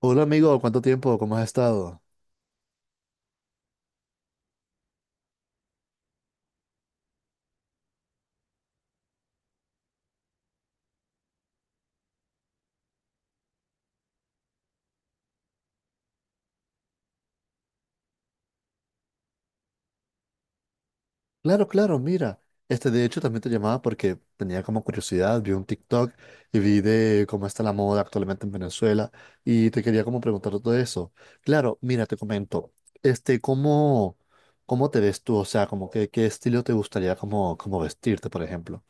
Hola amigo, ¿cuánto tiempo? ¿Cómo has estado? Claro, claro, mira. De hecho, también te llamaba porque tenía como curiosidad, vi un TikTok y vi de cómo está la moda actualmente en Venezuela y te quería como preguntar todo eso. Claro, mira, te comento, este, ¿cómo, ¿cómo te ves tú? O sea, como que, qué estilo te gustaría como vestirte, por ejemplo.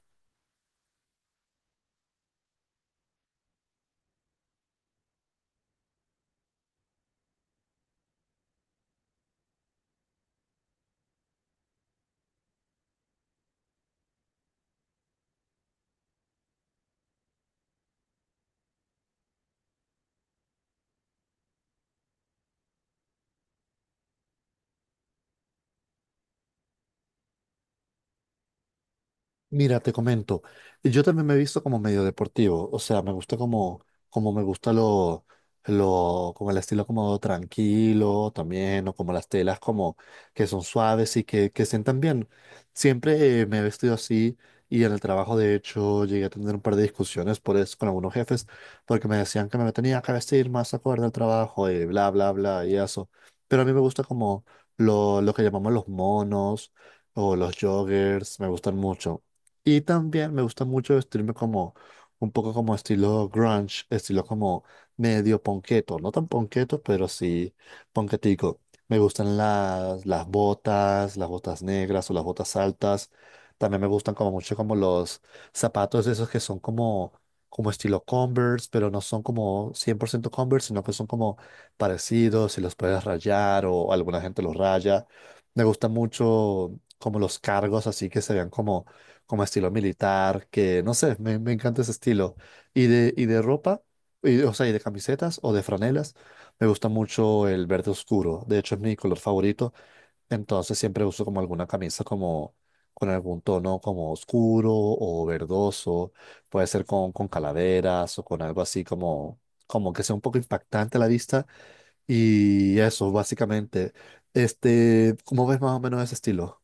Mira, te comento, yo también me he visto como medio deportivo, o sea, como me gusta lo, como el estilo como tranquilo también, o como las telas como que son suaves y que sientan bien. Siempre me he vestido así y en el trabajo de hecho llegué a tener un par de discusiones por eso con algunos jefes, porque me decían que me tenía que vestir más acorde al trabajo y bla, bla, bla y eso. Pero a mí me gusta como lo que llamamos los monos o los joggers, me gustan mucho. Y también me gusta mucho vestirme como un poco como estilo grunge, estilo como medio ponqueto, no tan ponqueto, pero sí ponquetico. Me gustan las botas negras o las botas altas. También me gustan como mucho como los zapatos esos que como estilo Converse, pero no son como 100% Converse, sino que son como parecidos y los puedes rayar o alguna gente los raya. Me gusta mucho como los cargos así que se vean como estilo militar, que no sé, me encanta ese estilo. Y de ropa, o sea, y de camisetas o de franelas, me gusta mucho el verde oscuro. De hecho, es mi color favorito. Entonces, siempre uso como alguna camisa como con algún tono como oscuro o verdoso. Puede ser con calaveras o con algo como que sea un poco impactante a la vista. Y eso, básicamente. ¿Cómo ves más o menos ese estilo?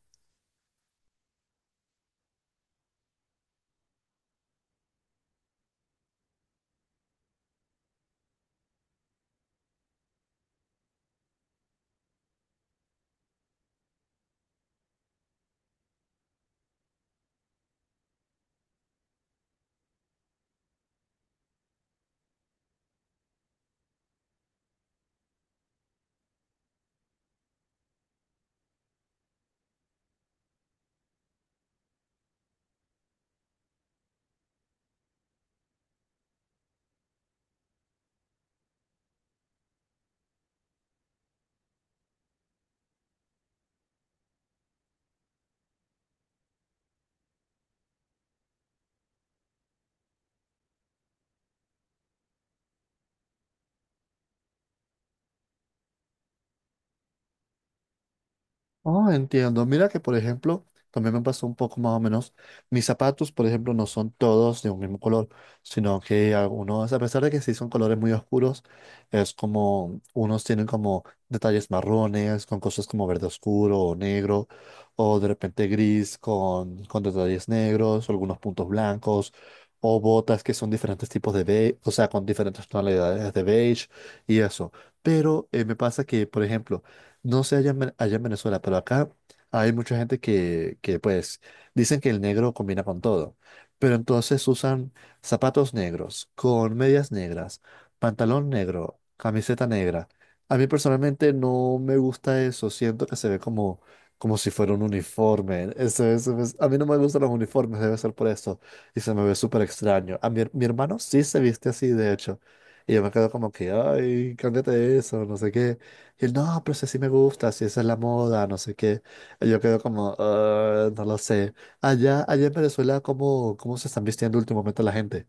Oh, entiendo. Mira que, por ejemplo, también me pasó un poco más o menos. Mis zapatos, por ejemplo, no son todos de un mismo color, sino que algunos, a pesar de que sí son colores muy oscuros, es como, unos tienen como detalles marrones, con cosas como verde oscuro o negro, o de repente gris con detalles negros, algunos puntos blancos, o botas que son diferentes tipos de beige, o sea, con diferentes tonalidades de beige y eso. Pero me pasa que, por ejemplo, no sé allá en Venezuela, pero acá hay mucha gente que, pues dicen que el negro combina con todo. Pero entonces usan zapatos negros, con medias negras, pantalón negro, camiseta negra. A mí personalmente no me gusta eso. Siento que se ve como, como si fuera un uniforme. A mí no me gustan los uniformes, debe ser por eso. Y se me ve súper extraño. Mi hermano sí se viste así, de hecho. Y yo me quedo como que, ay, cámbiate eso, no sé qué. Y él, no, pero si así me gusta, si esa es la moda, no sé qué. Y yo quedo como, "Ah, no lo sé. Allá en Venezuela, ¿cómo se están vistiendo últimamente la gente?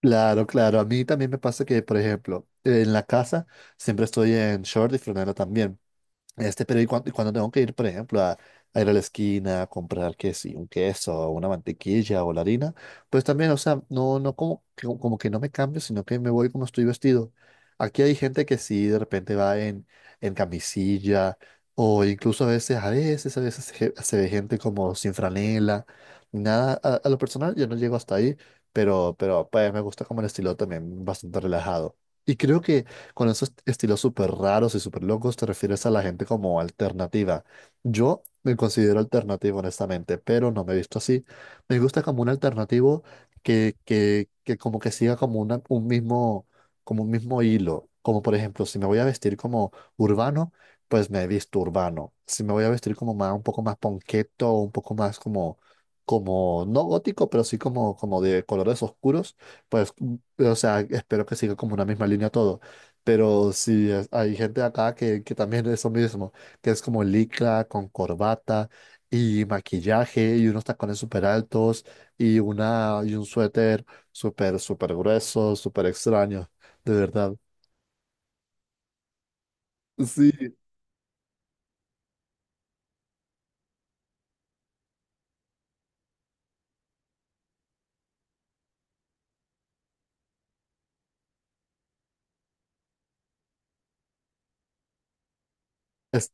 Claro, claro. A mí también me pasa que, por ejemplo, en la casa siempre estoy en short y franela también. Pero tengo que ir, por ejemplo, a ir a la esquina a comprar que sí, un queso o una mantequilla o la harina, pues también, o sea, no como que, como que no me cambio, sino que me voy como estoy vestido. Aquí hay gente que sí de repente en camisilla o incluso a veces se ve gente como sin franela, nada, a lo personal yo no llego hasta ahí, pero pues me gusta como el estilo también bastante relajado. Y creo que con esos estilos súper raros y súper locos te refieres a la gente como alternativa. Yo me considero alternativo, honestamente, pero no me he visto así. Me gusta como un alternativo que como que siga como un mismo, como un mismo hilo. Como por ejemplo, si me voy a vestir como urbano, pues me he visto urbano. Si me voy a vestir como más, un poco más ponqueto, un poco más como, no gótico, pero sí como de colores oscuros, pues, o sea, espero que siga como una misma línea todo. Pero sí, hay gente acá que también es lo mismo, que es como licra con corbata y maquillaje y unos tacones súper altos y un suéter súper grueso, súper extraño, de verdad. Sí, es-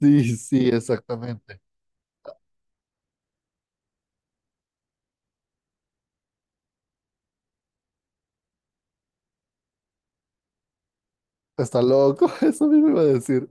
sí, exactamente. Está loco, eso mismo iba a decir.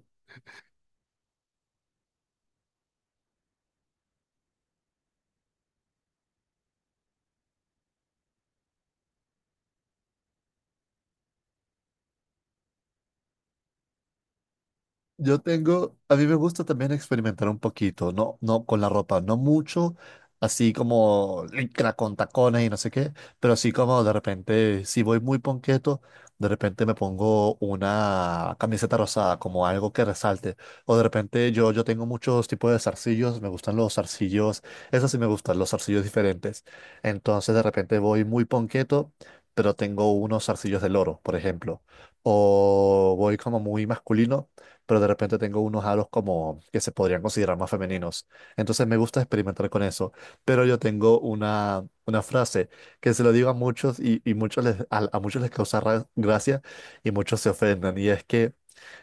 Yo tengo, a mí me gusta también experimentar un poquito, no con la ropa, no mucho, así como licra con tacones y no sé qué, pero así como de repente, si voy muy ponqueto, de repente me pongo una camiseta rosada, como algo que resalte, o de repente yo tengo muchos tipos de zarcillos, me gustan los zarcillos, esos sí me gustan, los zarcillos diferentes, entonces de repente voy muy ponqueto, pero tengo unos zarcillos de loro, por ejemplo, o voy como muy masculino pero de repente tengo unos halos como que se podrían considerar más femeninos. Entonces me gusta experimentar con eso, pero yo tengo una frase que se lo digo a muchos a muchos les causa gracia y muchos se ofenden y es que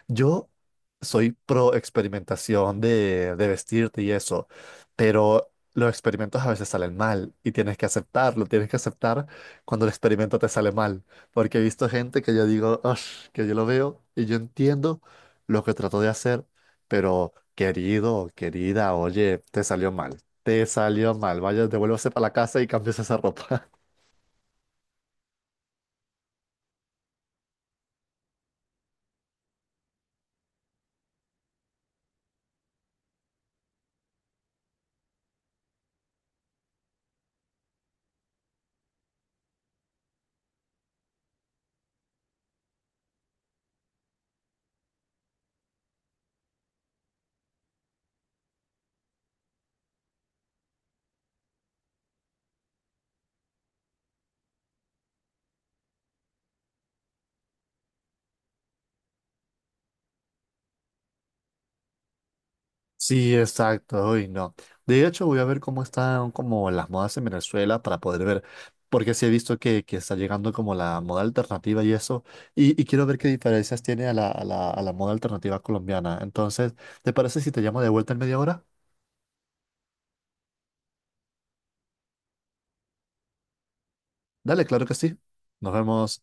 yo soy pro experimentación de vestirte y eso, pero los experimentos a veces salen mal y tienes que aceptarlo, tienes que aceptar cuando el experimento te sale mal, porque he visto gente que yo digo, "Ush", que yo lo veo y yo entiendo lo que trató de hacer, pero querido, querida, oye, te salió mal, vaya, devuélvase para la casa y cambies esa ropa. Sí, exacto, uy, no. De hecho, voy a ver cómo están como las modas en Venezuela para poder ver, porque sí he visto que está llegando como la moda alternativa y eso, y quiero ver qué diferencias tiene a a la moda alternativa colombiana. Entonces, ¿te parece si te llamo de vuelta en media hora? Dale, claro que sí. Nos vemos.